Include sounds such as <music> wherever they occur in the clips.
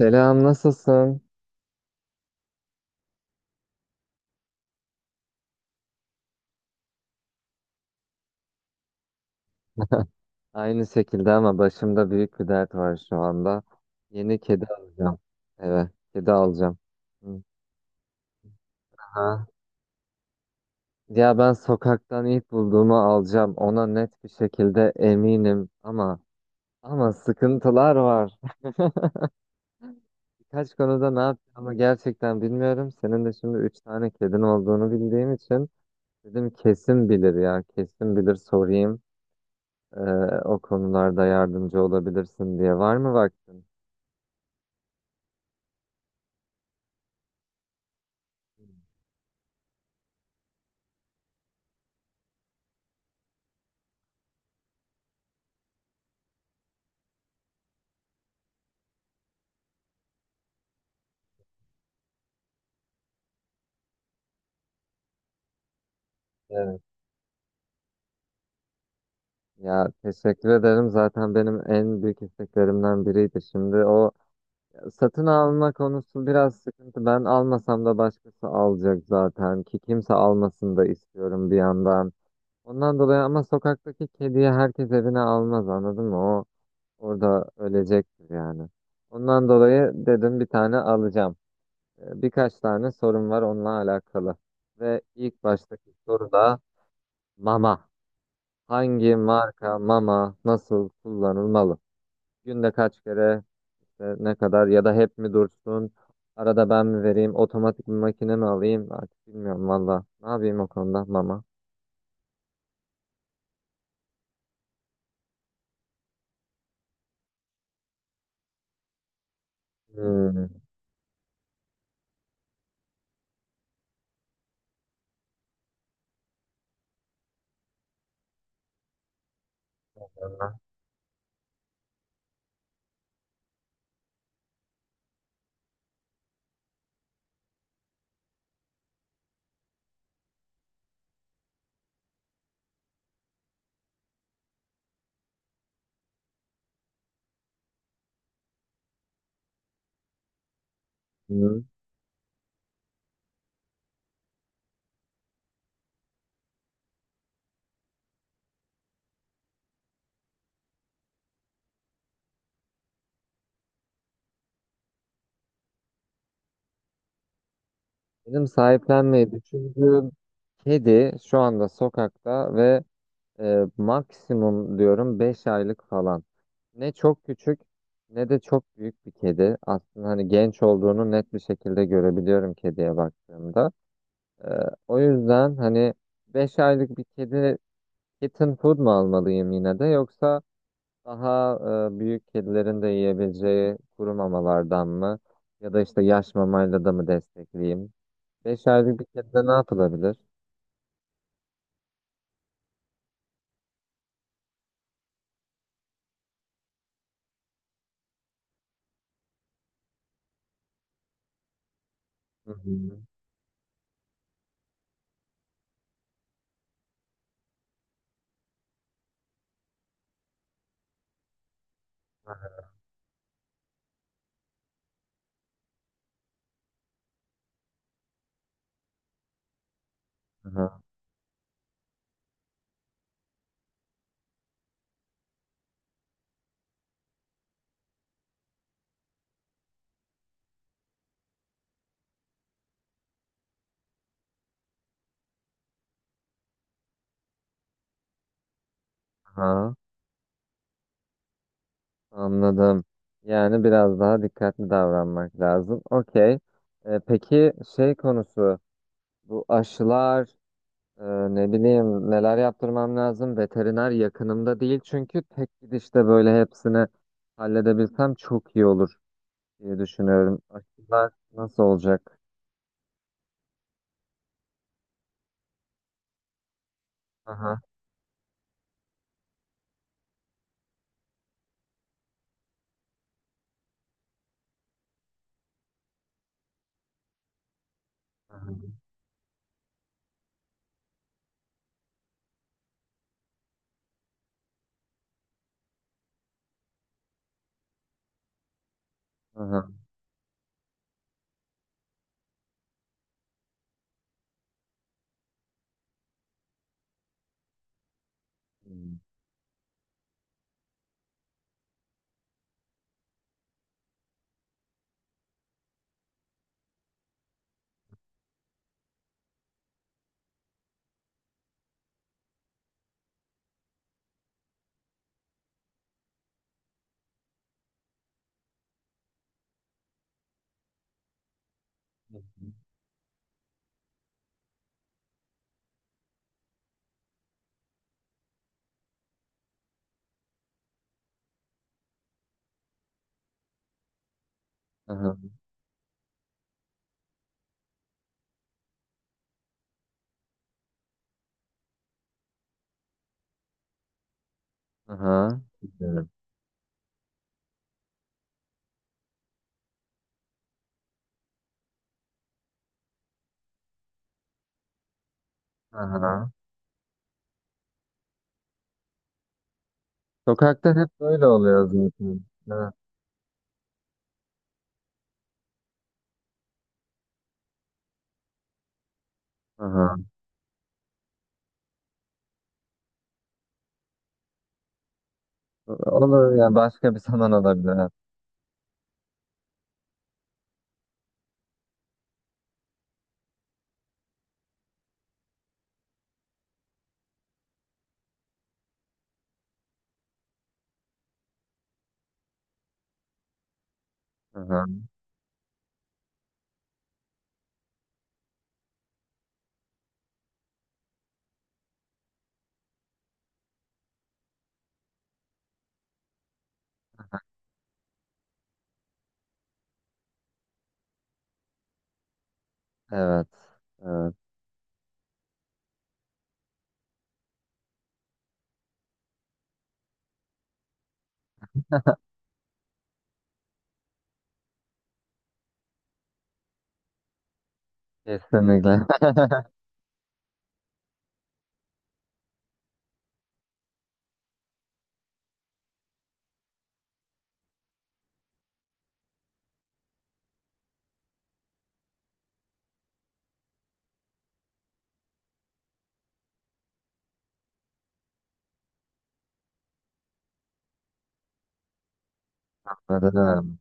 Selam, nasılsın? <laughs> Aynı şekilde ama başımda büyük bir dert var şu anda. Yeni kedi alacağım. Evet, kedi alacağım. Hı. Aha. Ya ben sokaktan ilk bulduğumu alacağım. Ona net bir şekilde eminim ama sıkıntılar var. Birkaç konuda ne yapacağımı gerçekten bilmiyorum. Senin de şimdi üç tane kedin olduğunu bildiğim için dedim kesin bilir ya, kesin bilir sorayım. Ee, O konularda yardımcı olabilirsin diye. Var mı vaktin? Ya teşekkür ederim. Zaten benim en büyük isteklerimden biriydi. Şimdi o satın alma konusu biraz sıkıntı. Ben almasam da başkası alacak zaten ki kimse almasın da istiyorum bir yandan. Ondan dolayı ama sokaktaki kediyi herkes evine almaz anladın mı? O orada ölecektir yani. Ondan dolayı dedim bir tane alacağım. Birkaç tane sorum var onunla alakalı. Ve ilk baştaki soru da mama. Hangi marka mama nasıl kullanılmalı? Günde kaç kere işte ne kadar ya da hep mi dursun? Arada ben mi vereyim? Otomatik bir makine mi alayım? Artık bilmiyorum valla. Ne yapayım o konuda mama? Hmm. Hmm. Benim sahiplenmeyi düşündüğüm kedi şu anda sokakta ve maksimum diyorum 5 aylık falan. Ne çok küçük ne de çok büyük bir kedi. Aslında hani genç olduğunu net bir şekilde görebiliyorum kediye baktığımda. E, O yüzden hani 5 aylık bir kedi kitten food mu almalıyım yine de yoksa daha büyük kedilerin de yiyebileceği kuru mamalardan mı ya da işte yaş mamayla da mı destekleyeyim? Beş aylık bir kedide ne yapılabilir? Hı hı. Aha, aha, anladım. Yani biraz daha dikkatli davranmak lazım. Okey. E, peki şey konusu bu aşılar. Ee, Ne bileyim neler yaptırmam lazım. Veteriner yakınımda değil çünkü tek gidişte böyle hepsini halledebilsem çok iyi olur diye düşünüyorum. Aşılar nasıl olacak? Aha, aha, aha. Hmm. Aha, aha. Bilmiyorum. Aha. Sokakta hep böyle oluyor zaten. Evet. Aha. Olur ya başka bir zaman olabilir. Aha. Evet. Evet. Kesinlikle. <laughs> Anladım.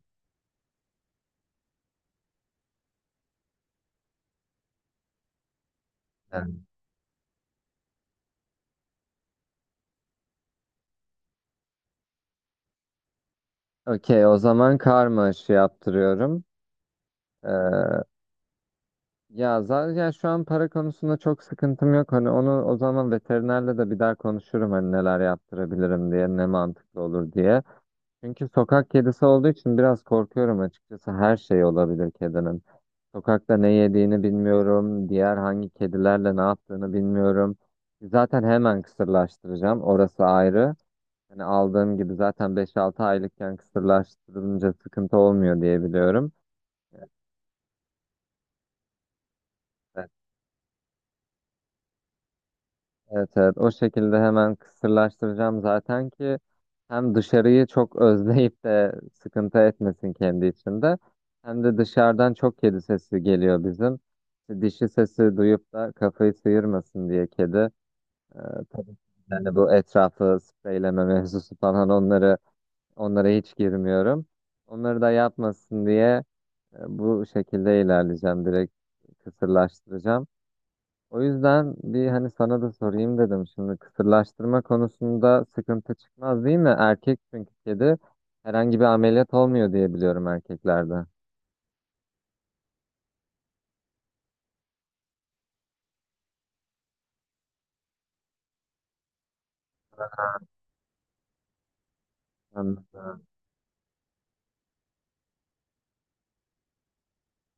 Evet. Okey, o zaman karma aşı yaptırıyorum. Ee, Ya zaten şu an para konusunda çok sıkıntım yok. Hani onu o zaman veterinerle de bir daha konuşurum hani neler yaptırabilirim diye, ne mantıklı olur diye. Çünkü sokak kedisi olduğu için biraz korkuyorum açıkçası. Her şey olabilir kedinin. Sokakta ne yediğini bilmiyorum, diğer hangi kedilerle ne yaptığını bilmiyorum. Zaten hemen kısırlaştıracağım. Orası ayrı. Hani aldığım gibi zaten beş altı aylıkken kısırlaştırılınca sıkıntı olmuyor diye biliyorum. Evet, evet, evet. O şekilde hemen kısırlaştıracağım zaten ki hem dışarıyı çok <laughs> özleyip de sıkıntı etmesin kendi içinde hem de dışarıdan çok kedi sesi geliyor bizim. İşte dişi sesi duyup da kafayı sıyırmasın diye kedi. Ee, tabii yani bu etrafı spreyleme mevzusu falan onlara hiç girmiyorum. Onları da yapmasın diye bu şekilde ilerleyeceğim. Direkt kısırlaştıracağım. O yüzden bir hani sana da sorayım dedim. Şimdi kısırlaştırma konusunda sıkıntı çıkmaz değil mi? Erkek çünkü kedi herhangi bir ameliyat olmuyor diye biliyorum erkeklerde. Anladım.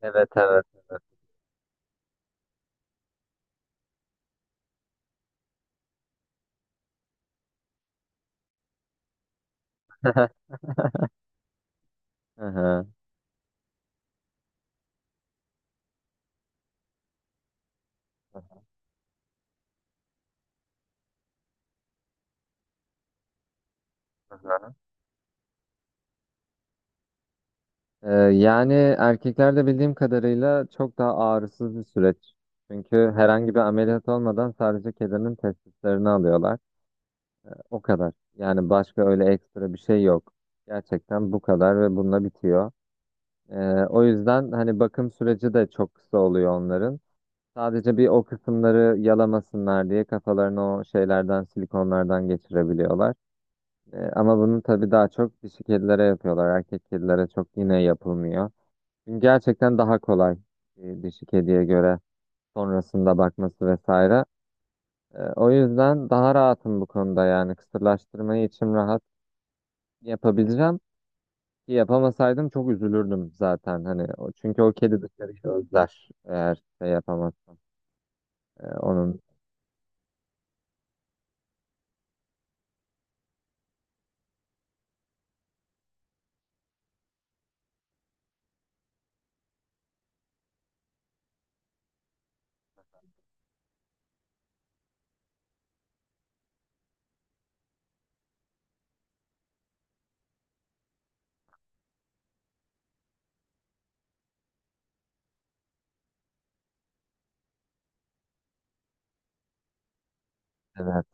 Evet, evet, evet. <laughs> Hı hı. Yani erkeklerde bildiğim kadarıyla çok daha ağrısız bir süreç. Çünkü herhangi bir ameliyat olmadan sadece kedinin testislerini alıyorlar. O kadar. Yani başka öyle ekstra bir şey yok. Gerçekten bu kadar ve bununla bitiyor. Ee, O yüzden hani bakım süreci de çok kısa oluyor onların. Sadece bir o kısımları yalamasınlar diye kafalarını o şeylerden, silikonlardan geçirebiliyorlar. Ama bunu tabii daha çok dişi kedilere yapıyorlar. Erkek kedilere çok yine yapılmıyor. Çünkü gerçekten daha kolay dişi kediye göre sonrasında bakması vesaire. O yüzden daha rahatım bu konuda yani kısırlaştırmayı içim rahat yapabileceğim. Yapamasaydım çok üzülürdüm zaten hani o çünkü o kedi dışarıyı özler eğer şey yapamazsam. Onun evet,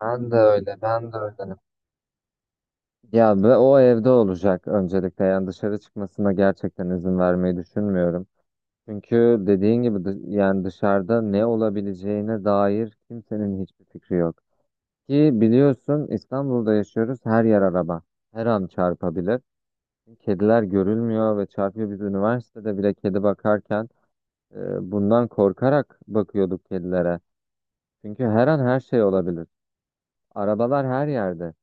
ben de öyle ya, ve o evde olacak öncelikle yani dışarı çıkmasına gerçekten izin vermeyi düşünmüyorum çünkü dediğin gibi yani dışarıda ne olabileceğine dair kimsenin hiçbir fikri yok ki biliyorsun İstanbul'da yaşıyoruz, her yer araba, her an çarpabilir, kediler görülmüyor ve çarpıyor. Biz üniversitede bile kedi bakarken bundan korkarak bakıyorduk kedilere. Çünkü her an her şey olabilir. Arabalar her yerde.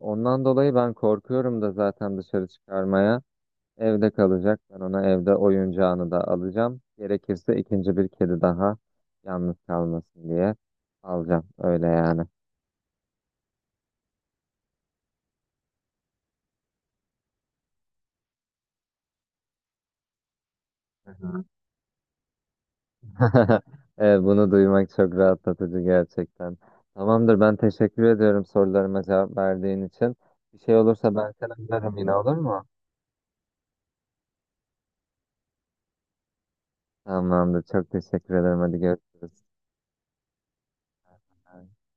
Ondan dolayı ben korkuyorum da zaten dışarı çıkarmaya. Evde kalacak. Ben ona evde oyuncağını da alacağım. Gerekirse ikinci bir kedi daha yalnız kalmasın diye alacağım. Öyle yani. Hı hı. <laughs> E, bunu duymak çok rahatlatıcı gerçekten. Tamamdır, ben teşekkür ediyorum sorularıma cevap verdiğin için. Bir şey olursa ben seni ararım yine, olur mu? Tamamdır. Çok teşekkür ederim. Hadi görüşürüz.